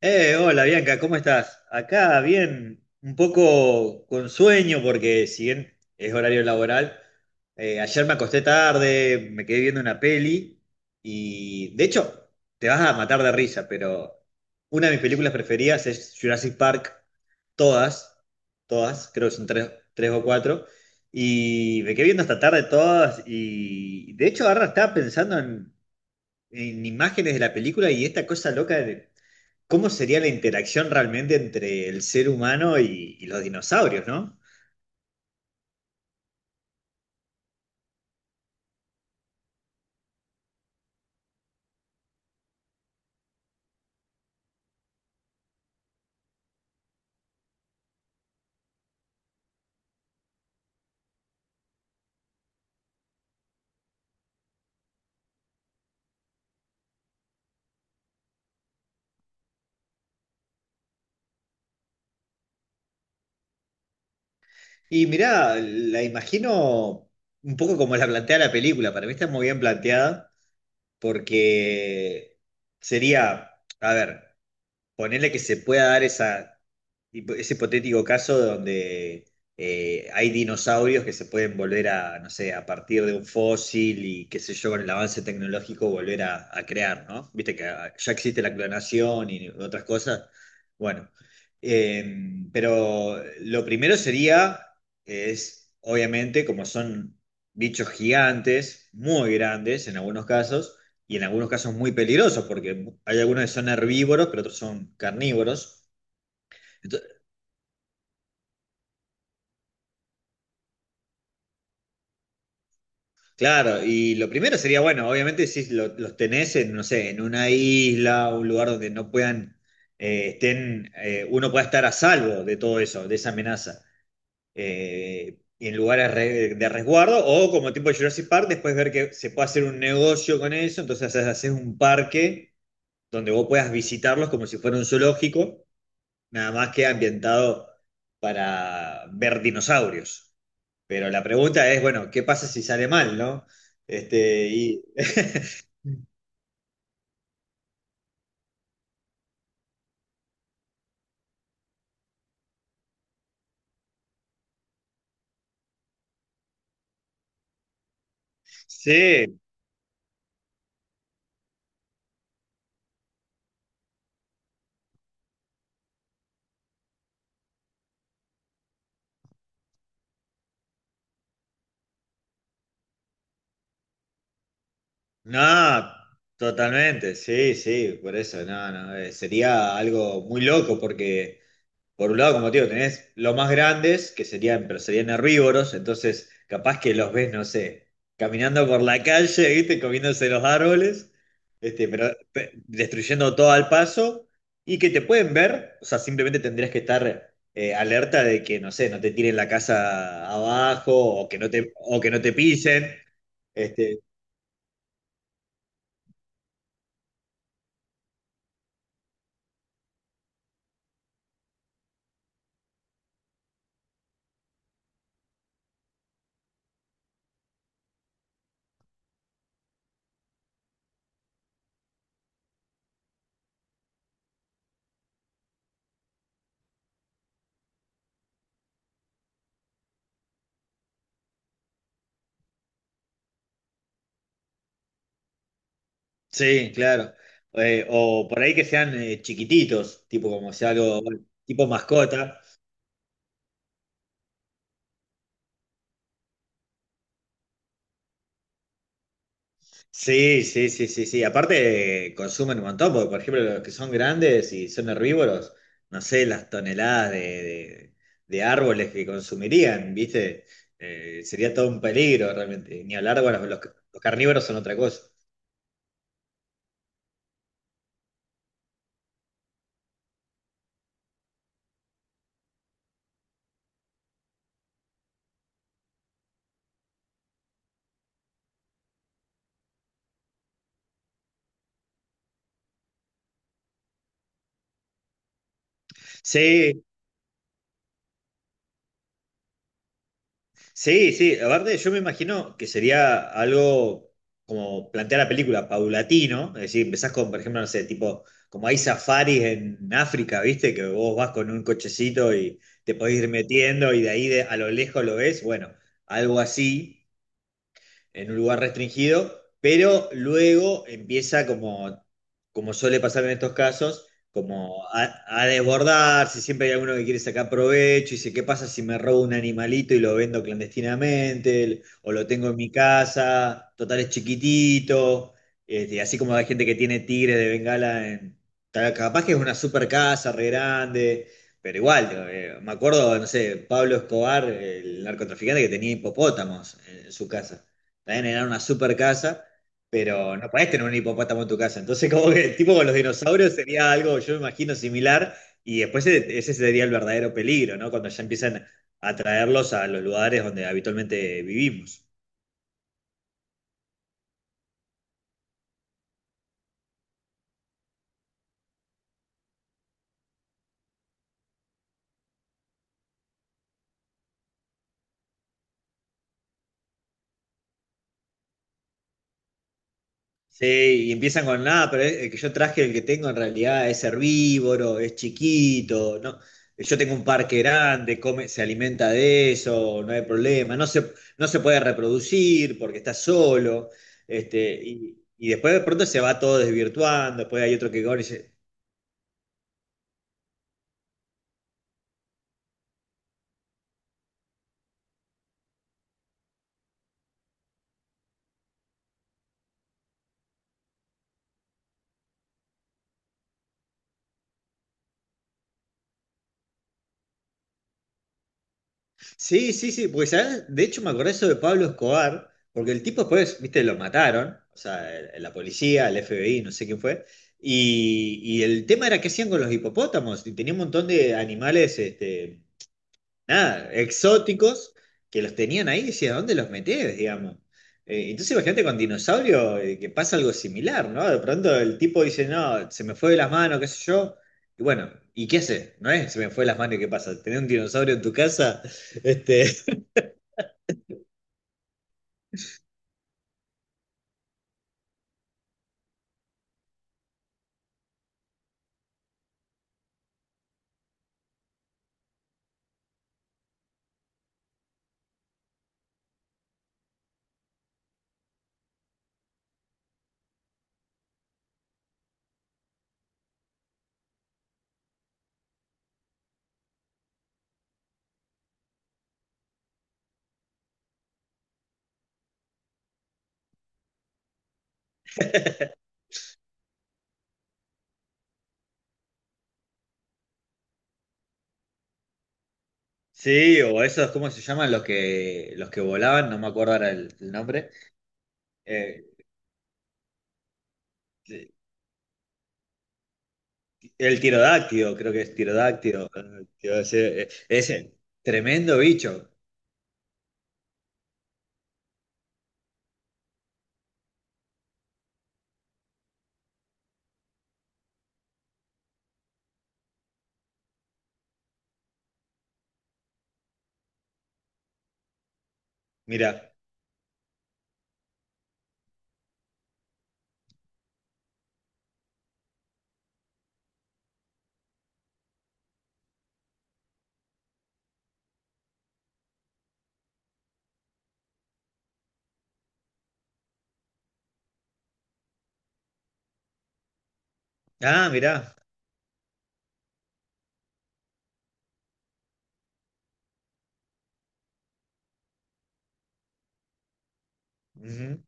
Hola Bianca, ¿cómo estás? Acá bien, un poco con sueño porque si bien es horario laboral, ayer me acosté tarde, me quedé viendo una peli y de hecho te vas a matar de risa, pero una de mis películas preferidas es Jurassic Park, todas, todas, creo que son tres, tres o cuatro, y me quedé viendo hasta tarde todas y de hecho ahora estaba pensando en imágenes de la película y esta cosa loca de cómo sería la interacción realmente entre el ser humano y los dinosaurios, ¿no? Y mirá, la imagino un poco como la plantea la película, para mí está muy bien planteada, porque sería, a ver, ponerle que se pueda dar esa, ese hipotético caso donde hay dinosaurios que se pueden volver a, no sé, a partir de un fósil y qué sé yo, con el avance tecnológico volver a crear, ¿no? Viste que ah, ya existe la clonación y otras cosas. Bueno, pero lo primero sería, es, obviamente, como son bichos gigantes, muy grandes en algunos casos, y en algunos casos muy peligrosos, porque hay algunos que son herbívoros, pero otros son carnívoros. Entonces, claro, y lo primero sería, bueno, obviamente si los tenés en, no sé, en una isla, un lugar donde no puedan, estén, uno pueda estar a salvo de todo eso, de esa amenaza. Y en lugares de resguardo, o como tipo Jurassic Park, después ver que se puede hacer un negocio con eso, entonces haces un parque donde vos puedas visitarlos como si fuera un zoológico. Nada más que ambientado para ver dinosaurios. Pero la pregunta es, bueno, ¿qué pasa si sale mal, no? Este, y sí, no, totalmente, sí, sí, por eso, no, no, sería algo muy loco porque, por un lado, como te digo, tenés los más grandes, que serían, pero serían herbívoros, entonces capaz que los ves, no sé, caminando por la calle, ¿viste? Comiéndose los árboles, este, pero destruyendo todo al paso, y que te pueden ver, o sea, simplemente tendrías que estar alerta de que, no sé, no te tiren la casa abajo, o que no te, o que no te pisen. Este, sí, claro. O por ahí que sean chiquititos, tipo como sea algo, bueno, tipo mascota. Sí, sí, sí, sí, sí. Aparte consumen un montón, porque por ejemplo los que son grandes y son herbívoros, no sé, las toneladas de árboles que consumirían, ¿viste? Sería todo un peligro realmente. Ni hablar, bueno, los carnívoros son otra cosa. Sí, sí, sí, aparte yo me imagino que sería algo como plantear la película paulatino, es decir, empezás con, por ejemplo, no sé, tipo, como hay safaris en África, ¿viste? Que vos vas con un cochecito y te podés ir metiendo y de ahí a lo lejos lo ves, bueno, algo así, en un lugar restringido, pero luego empieza como, como suele pasar en estos casos, como a desbordarse, siempre hay alguno que quiere sacar provecho y dice, ¿qué pasa si me robo un animalito y lo vendo clandestinamente? O lo tengo en mi casa, total es chiquitito. Este, así como hay gente que tiene tigres de Bengala en... Capaz que es una super casa re grande, pero igual, me acuerdo, no sé, Pablo Escobar, el narcotraficante que tenía hipopótamos en su casa. También era una super casa, pero no podés tener un hipopótamo en tu casa. Entonces, como que tipo con los dinosaurios sería algo, yo me imagino, similar. Y después ese sería el verdadero peligro, ¿no? Cuando ya empiezan a traerlos a los lugares donde habitualmente vivimos. Sí, y empiezan con nada, pero el que yo traje, el que tengo en realidad es herbívoro, es chiquito, no, yo tengo un parque grande, come, se alimenta de eso, no hay problema, no se, no se puede reproducir porque está solo, este, y después de pronto se va todo desvirtuando, después hay otro que gana y dice, sí, sí, sí, porque ¿sabes? De hecho me acordé eso de Pablo Escobar, porque el tipo después, viste, lo mataron, o sea, la policía, el FBI, no sé quién fue, y el tema era qué hacían con los hipopótamos, y tenía un montón de animales, este, nada, exóticos, que los tenían ahí, y decía, ¿dónde los metés, digamos? Entonces imagínate con dinosaurio que pasa algo similar, ¿no? De pronto el tipo dice, no, se me fue de las manos, qué sé yo, y bueno, ¿y qué haces? ¿No es? Se me fue de las manos, ¿y ¿qué pasa? ¿Tener un dinosaurio en tu casa? Este, sí, o esos, ¿cómo se llaman? Los que volaban, no me acuerdo ahora el nombre. Eh, el tirodáctilo, creo que es tirodáctilo. Que va ese, tremendo bicho. Mirá. Ah, mirá. Ujú.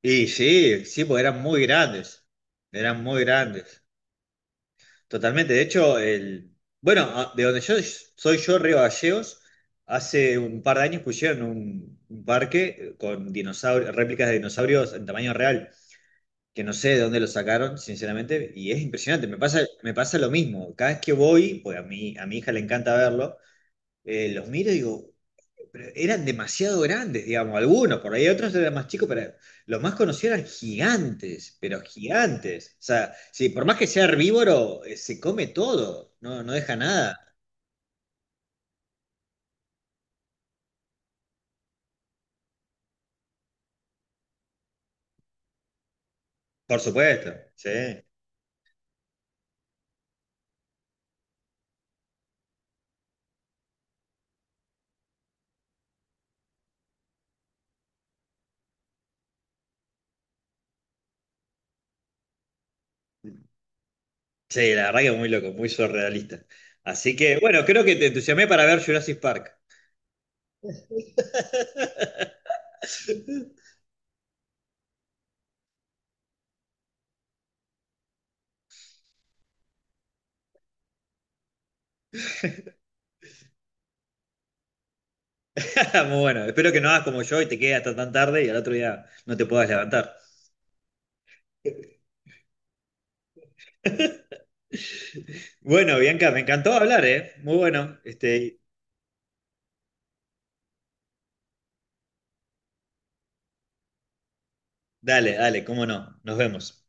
Y sí, sí, porque eran muy grandes. Eran muy grandes. Totalmente. De hecho, el, bueno, de donde yo soy yo, Río Gallegos, hace un par de años pusieron un parque con dinosaurios, réplicas de dinosaurios en tamaño real. Que no sé de dónde lo sacaron, sinceramente, y es impresionante. Me pasa lo mismo. Cada vez que voy, pues a mí, a mi hija le encanta verlo, los miro y digo, pero eran demasiado grandes, digamos, algunos, por ahí otros eran más chicos, pero los más conocidos eran gigantes, pero gigantes. O sea, sí, por más que sea herbívoro, se come todo, no, no deja nada. Por supuesto, sí. Sí, la verdad que muy loco, muy surrealista. Así que, bueno, creo que te entusiasmé para ver Jurassic Park. Muy bueno, espero que no hagas como yo y te quedes hasta tan tarde y al otro día no te puedas levantar. Bueno, Bianca, me encantó hablar, ¿eh? Muy bueno. Este, dale, dale, cómo no. Nos vemos.